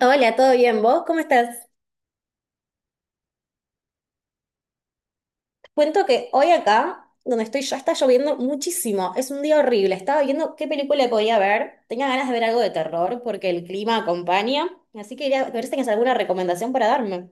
Hola, ¿todo bien? ¿Vos cómo estás? Te cuento que hoy acá, donde estoy yo, está lloviendo muchísimo. Es un día horrible. Estaba viendo qué película podía ver. Tenía ganas de ver algo de terror porque el clima acompaña. Así que quería ver si tienes alguna recomendación para darme.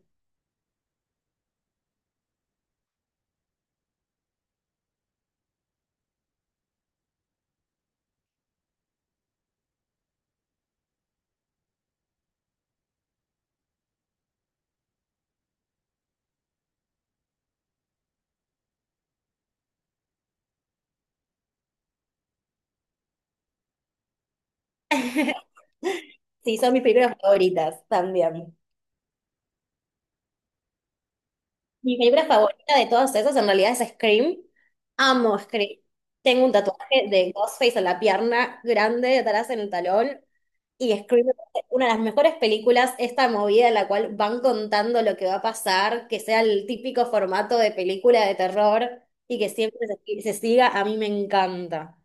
Sí, son mis películas favoritas también. Mi película favorita de todas esas en realidad es Scream. Amo Scream. Tengo un tatuaje de Ghostface en la pierna grande, atrás en el talón. Y Scream es una de las mejores películas, esta movida en la cual van contando lo que va a pasar, que sea el típico formato de película de terror y que siempre se siga, a mí me encanta.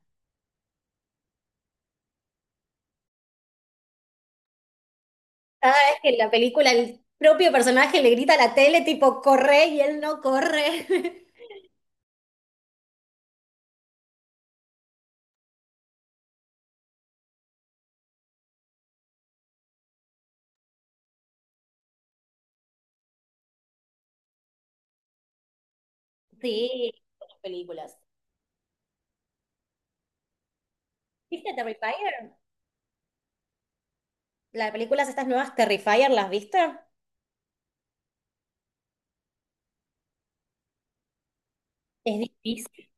Cada vez que en la película el propio personaje le grita a la tele tipo corre y él no corre. Sí, buenas películas. ¿Viste Terrifier? Las películas estas nuevas Terrifier, ¿las viste? Es difícil.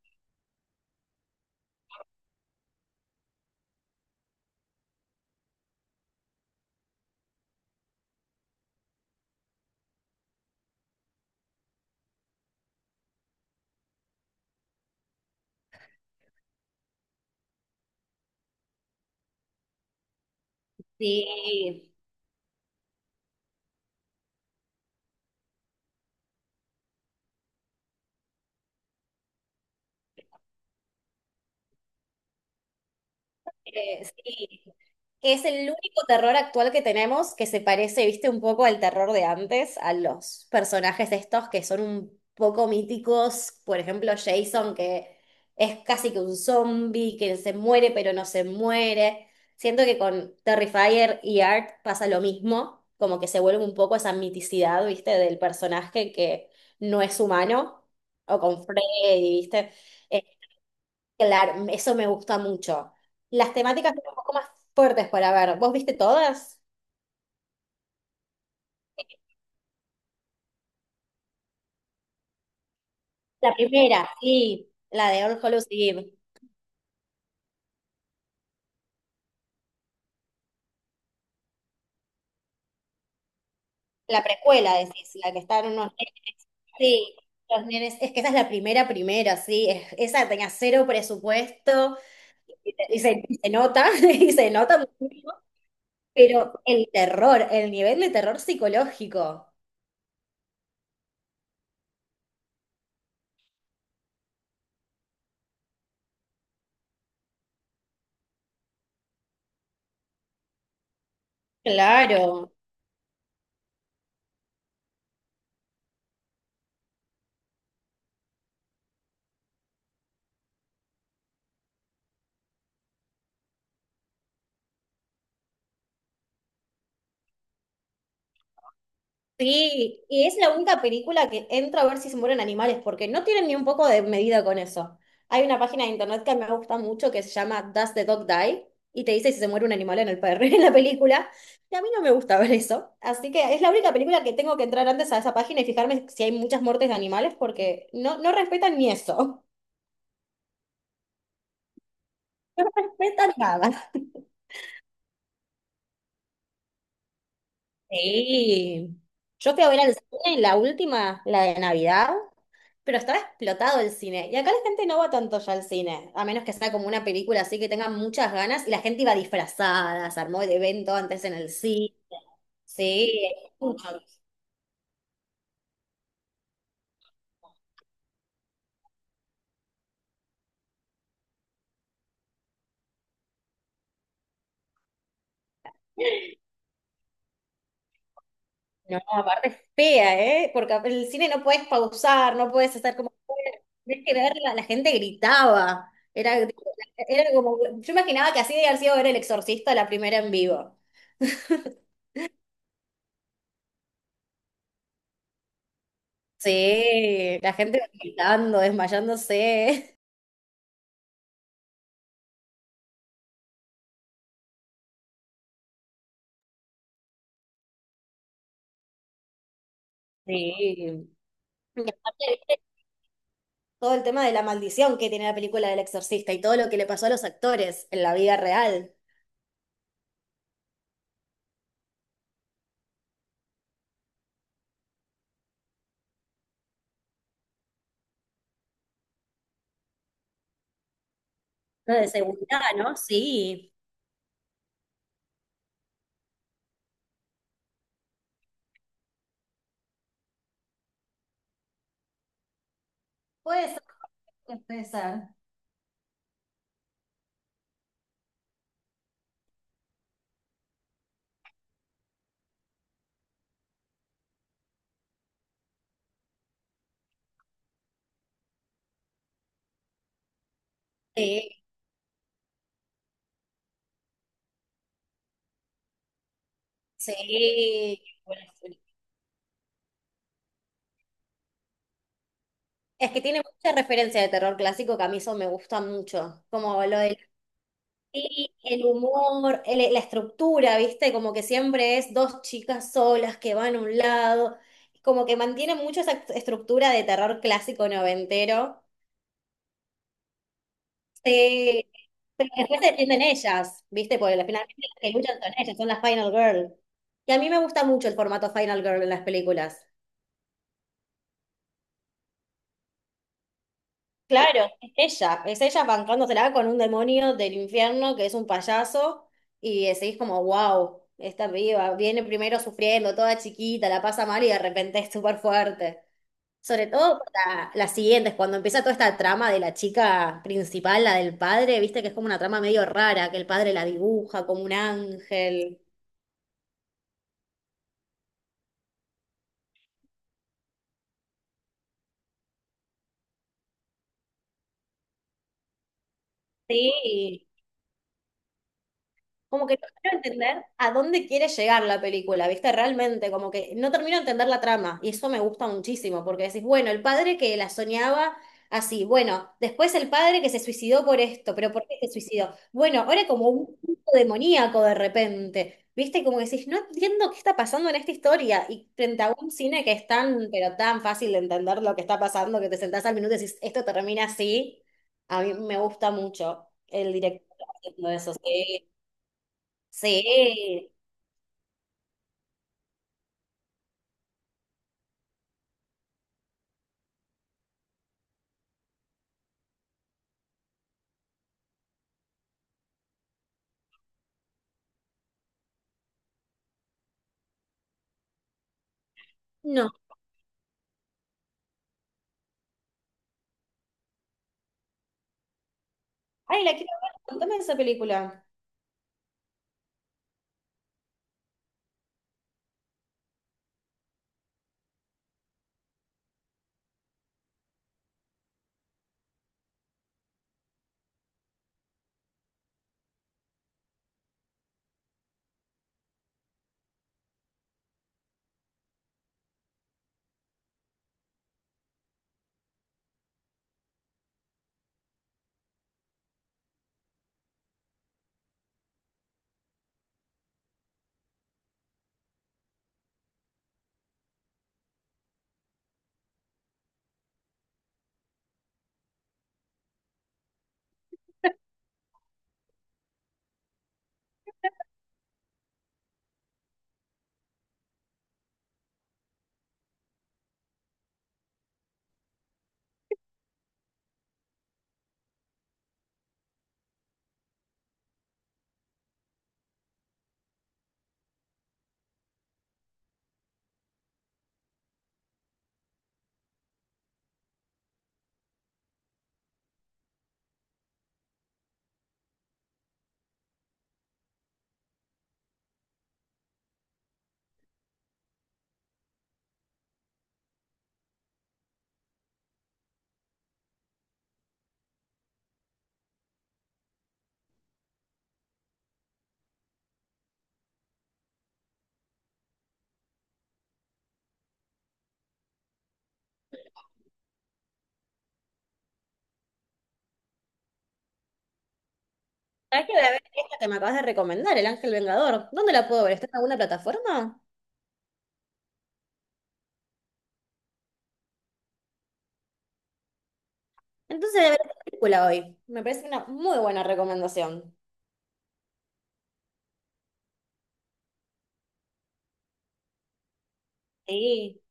Sí, sí. Es el único terror actual que tenemos que se parece, viste, un poco al terror de antes, a los personajes estos que son un poco míticos, por ejemplo, Jason, que es casi que un zombie, que se muere pero no se muere. Siento que con Terrifier y Art pasa lo mismo, como que se vuelve un poco esa miticidad, viste, del personaje que no es humano, o con Freddy, viste. Eh, Claro, eso me gusta mucho. Las temáticas son un poco más fuertes para ver. ¿Vos viste todas? La primera, sí, la de All Hallows Eve. La precuela, decís, la que están unos nenes. Sí, los nenes. Es que esa es la primera, primera, sí. Esa tenía cero presupuesto y, y y se nota, y se nota muchísimo. Pero el terror, el nivel de terror psicológico. Claro. Sí, y es la única película que entro a ver si se mueren animales, porque no tienen ni un poco de medida con eso. Hay una página de internet que me gusta mucho que se llama Does the Dog Die? Y te dice si se muere un animal en el perro, en la película. Y a mí no me gusta ver eso. Así que es la única película que tengo que entrar antes a esa página y fijarme si hay muchas muertes de animales, porque no, no respetan ni eso. No respetan nada. Sí. Yo fui a ver al cine la última, la de Navidad. Pero estaba explotado el cine. Y acá la gente no va tanto ya al cine, a menos que sea como una película así que tenga muchas ganas. Y la gente iba disfrazada, se armó el evento antes en el cine. Sí, mucho. No, aparte es fea, ¿eh? Porque el cine no puedes pausar, no puedes estar como. Tienes que verla, la gente gritaba. Era, era como. Yo imaginaba que así de haber sido ver El Exorcista la primera en vivo. Sí, la gente gritando, desmayándose. Sí. Y aparte, todo el tema de la maldición que tiene la película del Exorcista y todo lo que le pasó a los actores en la vida real. Lo de seguridad, ¿no? Sí. Puede ser, puede ser. Sí, sí. Buena peli. Es que tiene mucha referencia de terror clásico que a mí eso me gusta mucho. Como lo del sí, el humor, la estructura, ¿viste? Como que siempre es dos chicas solas que van a un lado. Como que mantiene mucho esa estructura de terror clásico noventero. Sí. Pero después se defienden ellas, ¿viste? Porque finalmente las que luchan son ellas, son las Final Girl. Y a mí me gusta mucho el formato Final Girl en las películas. Claro, es ella bancándosela con un demonio del infierno que es un payaso y seguís como, wow, esta viva, viene primero sufriendo, toda chiquita, la pasa mal y de repente es súper fuerte. Sobre todo para las siguientes, cuando empieza toda esta trama de la chica principal, la del padre, viste que es como una trama medio rara, que el padre la dibuja como un ángel. Sí, como que no quiero entender a dónde quiere llegar la película, ¿viste? Realmente, como que no termino de entender la trama y eso me gusta muchísimo porque decís, bueno, el padre que la soñaba así, bueno, después el padre que se suicidó por esto, pero ¿por qué se suicidó? Bueno, ahora como un culto demoníaco de repente, ¿viste? Como que decís, no entiendo qué está pasando en esta historia y frente a un cine que es tan, pero tan fácil de entender lo que está pasando que te sentás al minuto y decís, esto termina así, a mí me gusta mucho el director haciendo eso, sí. Sí. No. Ay, la quiero ver. Contame de esa película. ¿Sabés que voy a ver esta que me acabas de recomendar, El Ángel Vengador? ¿Dónde la puedo ver? ¿Está en alguna plataforma? Entonces voy a ver esta película hoy. Me parece una muy buena recomendación. Sí.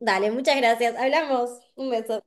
Dale, muchas gracias. Hablamos. Un beso.